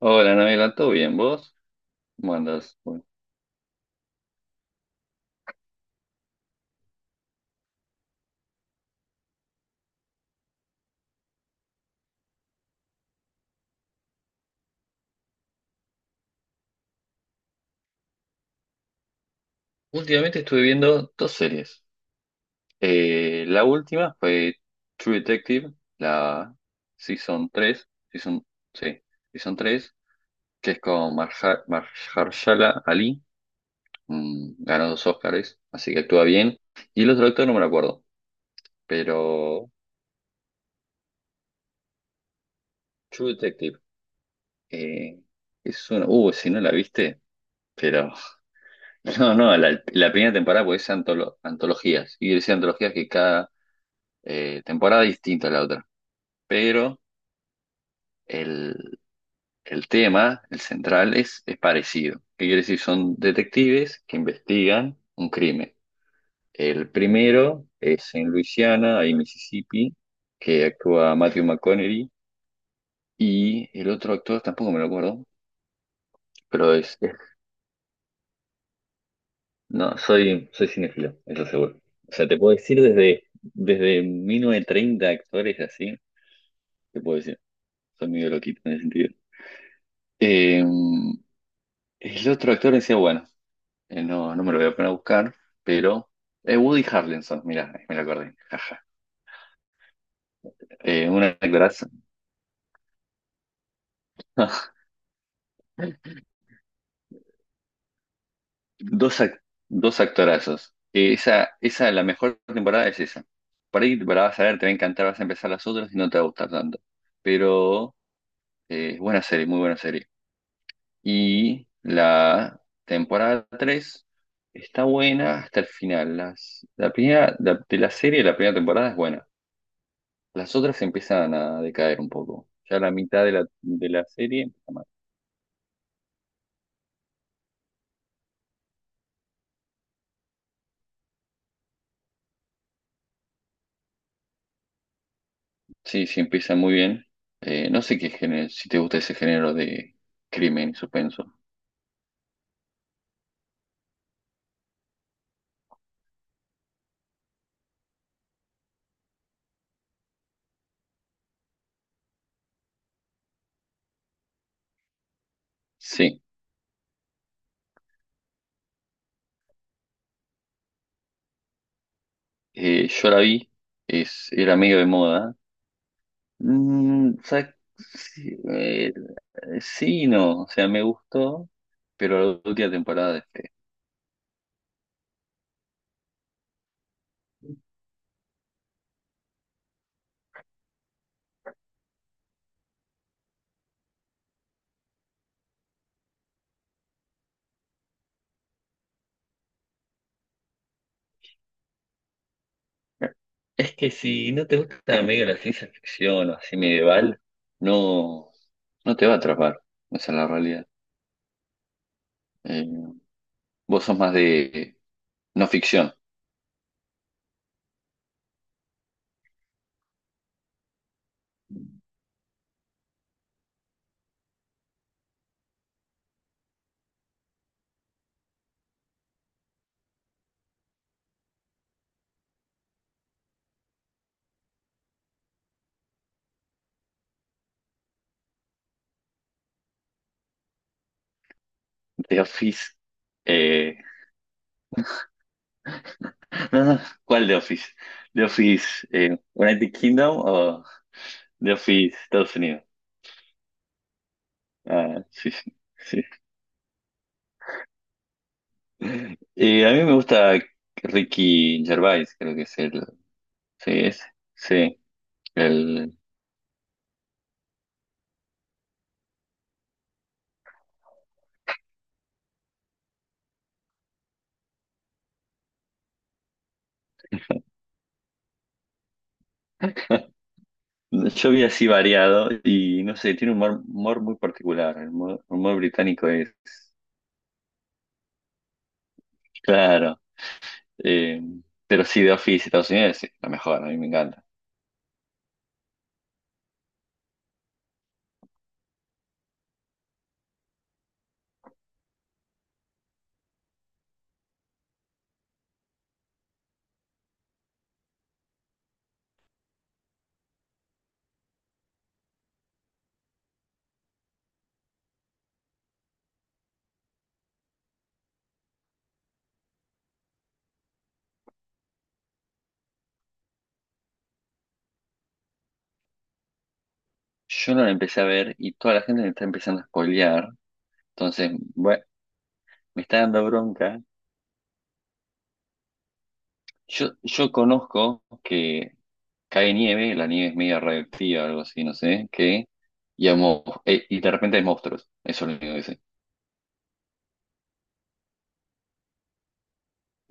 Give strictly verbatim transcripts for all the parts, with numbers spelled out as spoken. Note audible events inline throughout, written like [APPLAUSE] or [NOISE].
Hola, Nabila, ¿todo bien? ¿Vos? ¿Cómo andás? Bueno, últimamente estuve viendo dos series. Eh, la última fue True Detective, la Season tres, season, sí, Season tres, que es con Marja- Mahershala Ali, mm, ganó dos Óscares, así que actúa bien. Y el otro actor no me lo acuerdo, pero True Detective, eh, es una... Uh, si no la viste, pero... [LAUGHS] No, no, la, la primera temporada, pues es antolo- antologías. Y decía antologías que cada eh, temporada distinta a la otra, pero el, el tema, el central, es, es parecido. ¿Qué quiere decir? Son detectives que investigan un crimen. El primero es en Luisiana y Mississippi, que actúa Matthew McConaughey, y el otro actor tampoco me lo acuerdo, pero es, es- no, soy, soy cinéfilo, eso seguro. O sea, te puedo decir desde, desde mil novecientos treinta actores así, te puedo decir, soy medio loquito en ese sentido. Em, El otro actor decía, bueno, eh, no, no me lo voy a poner a buscar, pero eh, Woody Harrelson, mira, me lo acordé, jaja. Eh, un actorazo. [LAUGHS] Dos, ac- dos actorazos. Eh, esa, esa, la mejor temporada es esa. Por ahí la vas a ver, te va a encantar, vas a empezar las otras y no te va a gustar tanto. Pero eh, buena serie, muy buena serie. Y la temporada tres está buena hasta el final. Las, la primera, la- De la serie, la primera temporada es buena. Las otras empiezan a decaer un poco. Ya la mitad de la, de la serie empieza mal. Sí, sí, empieza muy bien. Eh, no sé qué género, si te gusta ese género de crimen y suspenso. Sí, eh, yo la vi, es, era medio de moda. Mm, o sea, sí, eh, sí y no, o sea, me gustó, pero la última temporada dejé. Es que si no te gusta medio la ciencia ficción o así medieval, no, no te va a atrapar. Esa es la realidad. Eh, vos sos más de no ficción. The Office. Eh, no, no, ¿cuál The Office? The Office eh, United Kingdom o The Office Estados Unidos. Ah, sí, sí, sí. Eh, a mí me gusta Ricky Gervais, creo que es el. Sí, es. Sí. El, [LAUGHS] yo vi así variado y no sé, tiene un humor, humor muy particular. El humor, humor británico es. Claro. eh, pero sí, The Office Estados Unidos es la mejor, a mí me encanta. Yo no la empecé a ver y toda la gente me está empezando a spoilear. Entonces, bueno, me está dando bronca. Yo, yo conozco que cae nieve, la nieve es medio radioactiva, o algo así, no sé, que, y, hay mo- eh, y de repente hay monstruos. Eso es lo único que sé.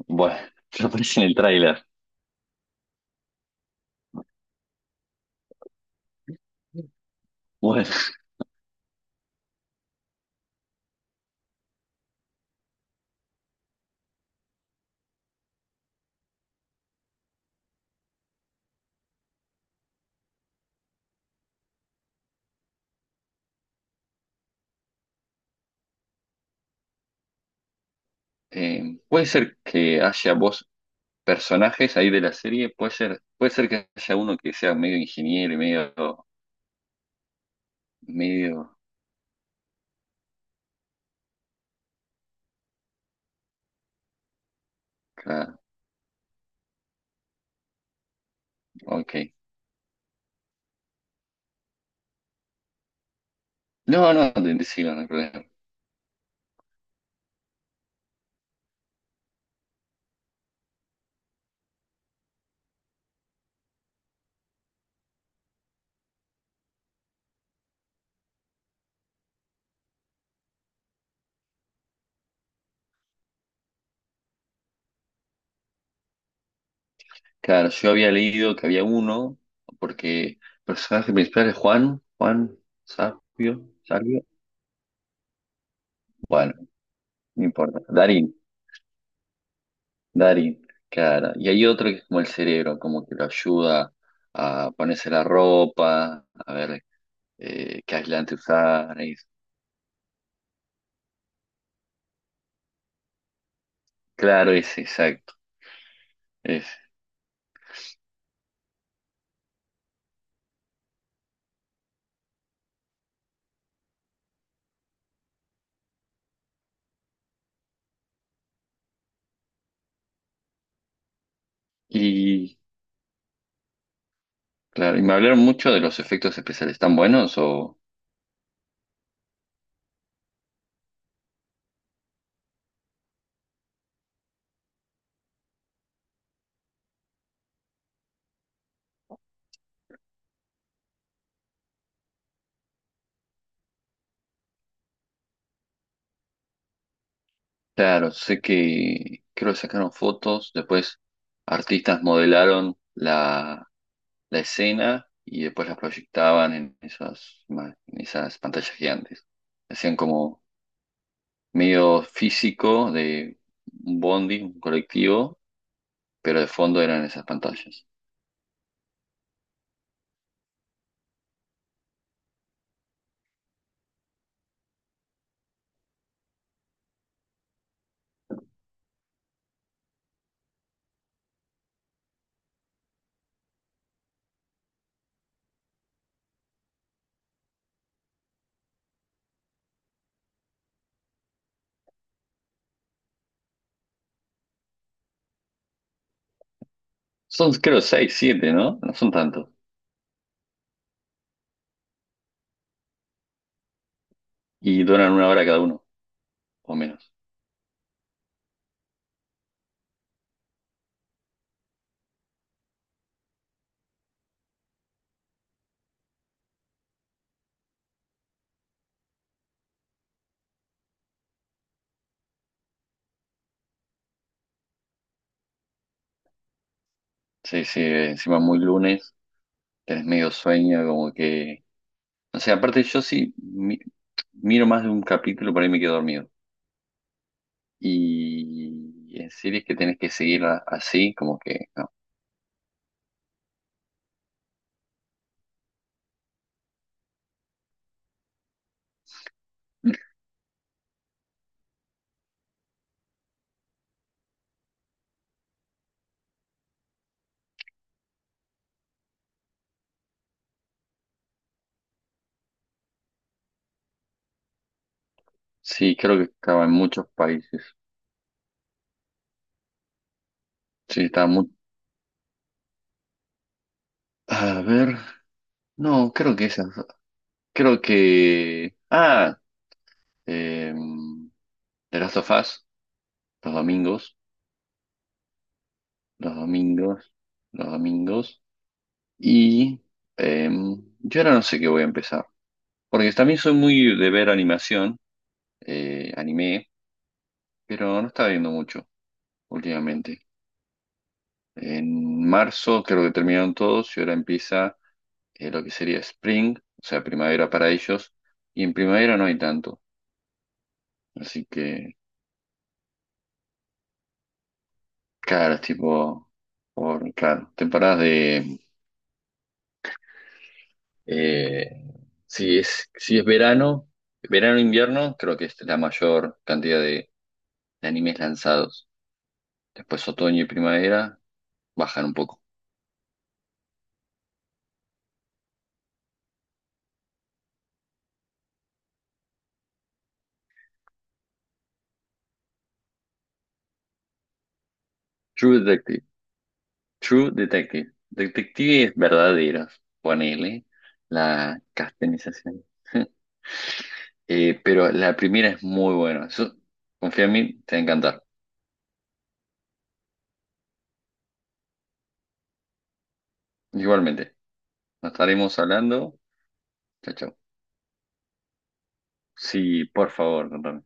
Bueno, [LAUGHS] eso aparece en el tráiler. Bueno, eh, puede ser que haya vos personajes ahí de la serie, puede ser, puede ser que haya uno que sea medio ingeniero y medio, medio, claro, ok. No, no, te sigo, no hay problema. Claro, yo había leído que había uno, porque el personaje principal es Juan, Juan Sabio, Sabio, bueno, no importa, Darín, Darín, claro. Y hay otro que es como el cerebro, como que lo ayuda a ponerse la ropa, a ver eh, qué aislante usar. y- Claro, es exacto, es. Y claro, y me hablaron mucho de los efectos especiales, ¿están buenos? O, claro, sé que creo que sacaron fotos, después artistas modelaron la la escena y después las proyectaban en esas, ma- en esas pantallas gigantes. Hacían como medio físico de un bondi, un colectivo, pero de fondo eran esas pantallas. Son creo seis, siete, ¿no? No son tantos. Y duran una hora cada uno, o menos. Sí, sí, encima muy lunes, tenés medio sueño, como que... O sea, aparte yo sí mi- miro más de un capítulo, por ahí me quedo dormido. Y en series que tenés que seguir a- así, como que... no. Sí, creo que estaba en muchos países. Sí, estaba muy... A ver, no, creo que esas... Creo que... Ah, eh, The Last of Us, los domingos, los domingos, los domingos. Y eh, yo ahora no sé qué voy a empezar. Porque también soy muy de ver animación, eh, anime, pero no estaba viendo mucho últimamente. En marzo creo que terminaron todos y ahora empieza... eh, lo que sería spring, o sea, primavera para ellos, y en primavera no hay tanto. Así que, claro, es tipo, por, claro, temporadas de, eh, si es, si es verano, verano-invierno, creo que es la mayor cantidad de, de animes lanzados. Después otoño y primavera bajan un poco. True Detective, True Detective, detectives verdaderos, ponele la castanización. [LAUGHS] Eh, pero la primera es muy buena. Yo- confía en mí, te va a encantar. Igualmente, nos estaremos hablando. Chao, chao. Sí, por favor, contame.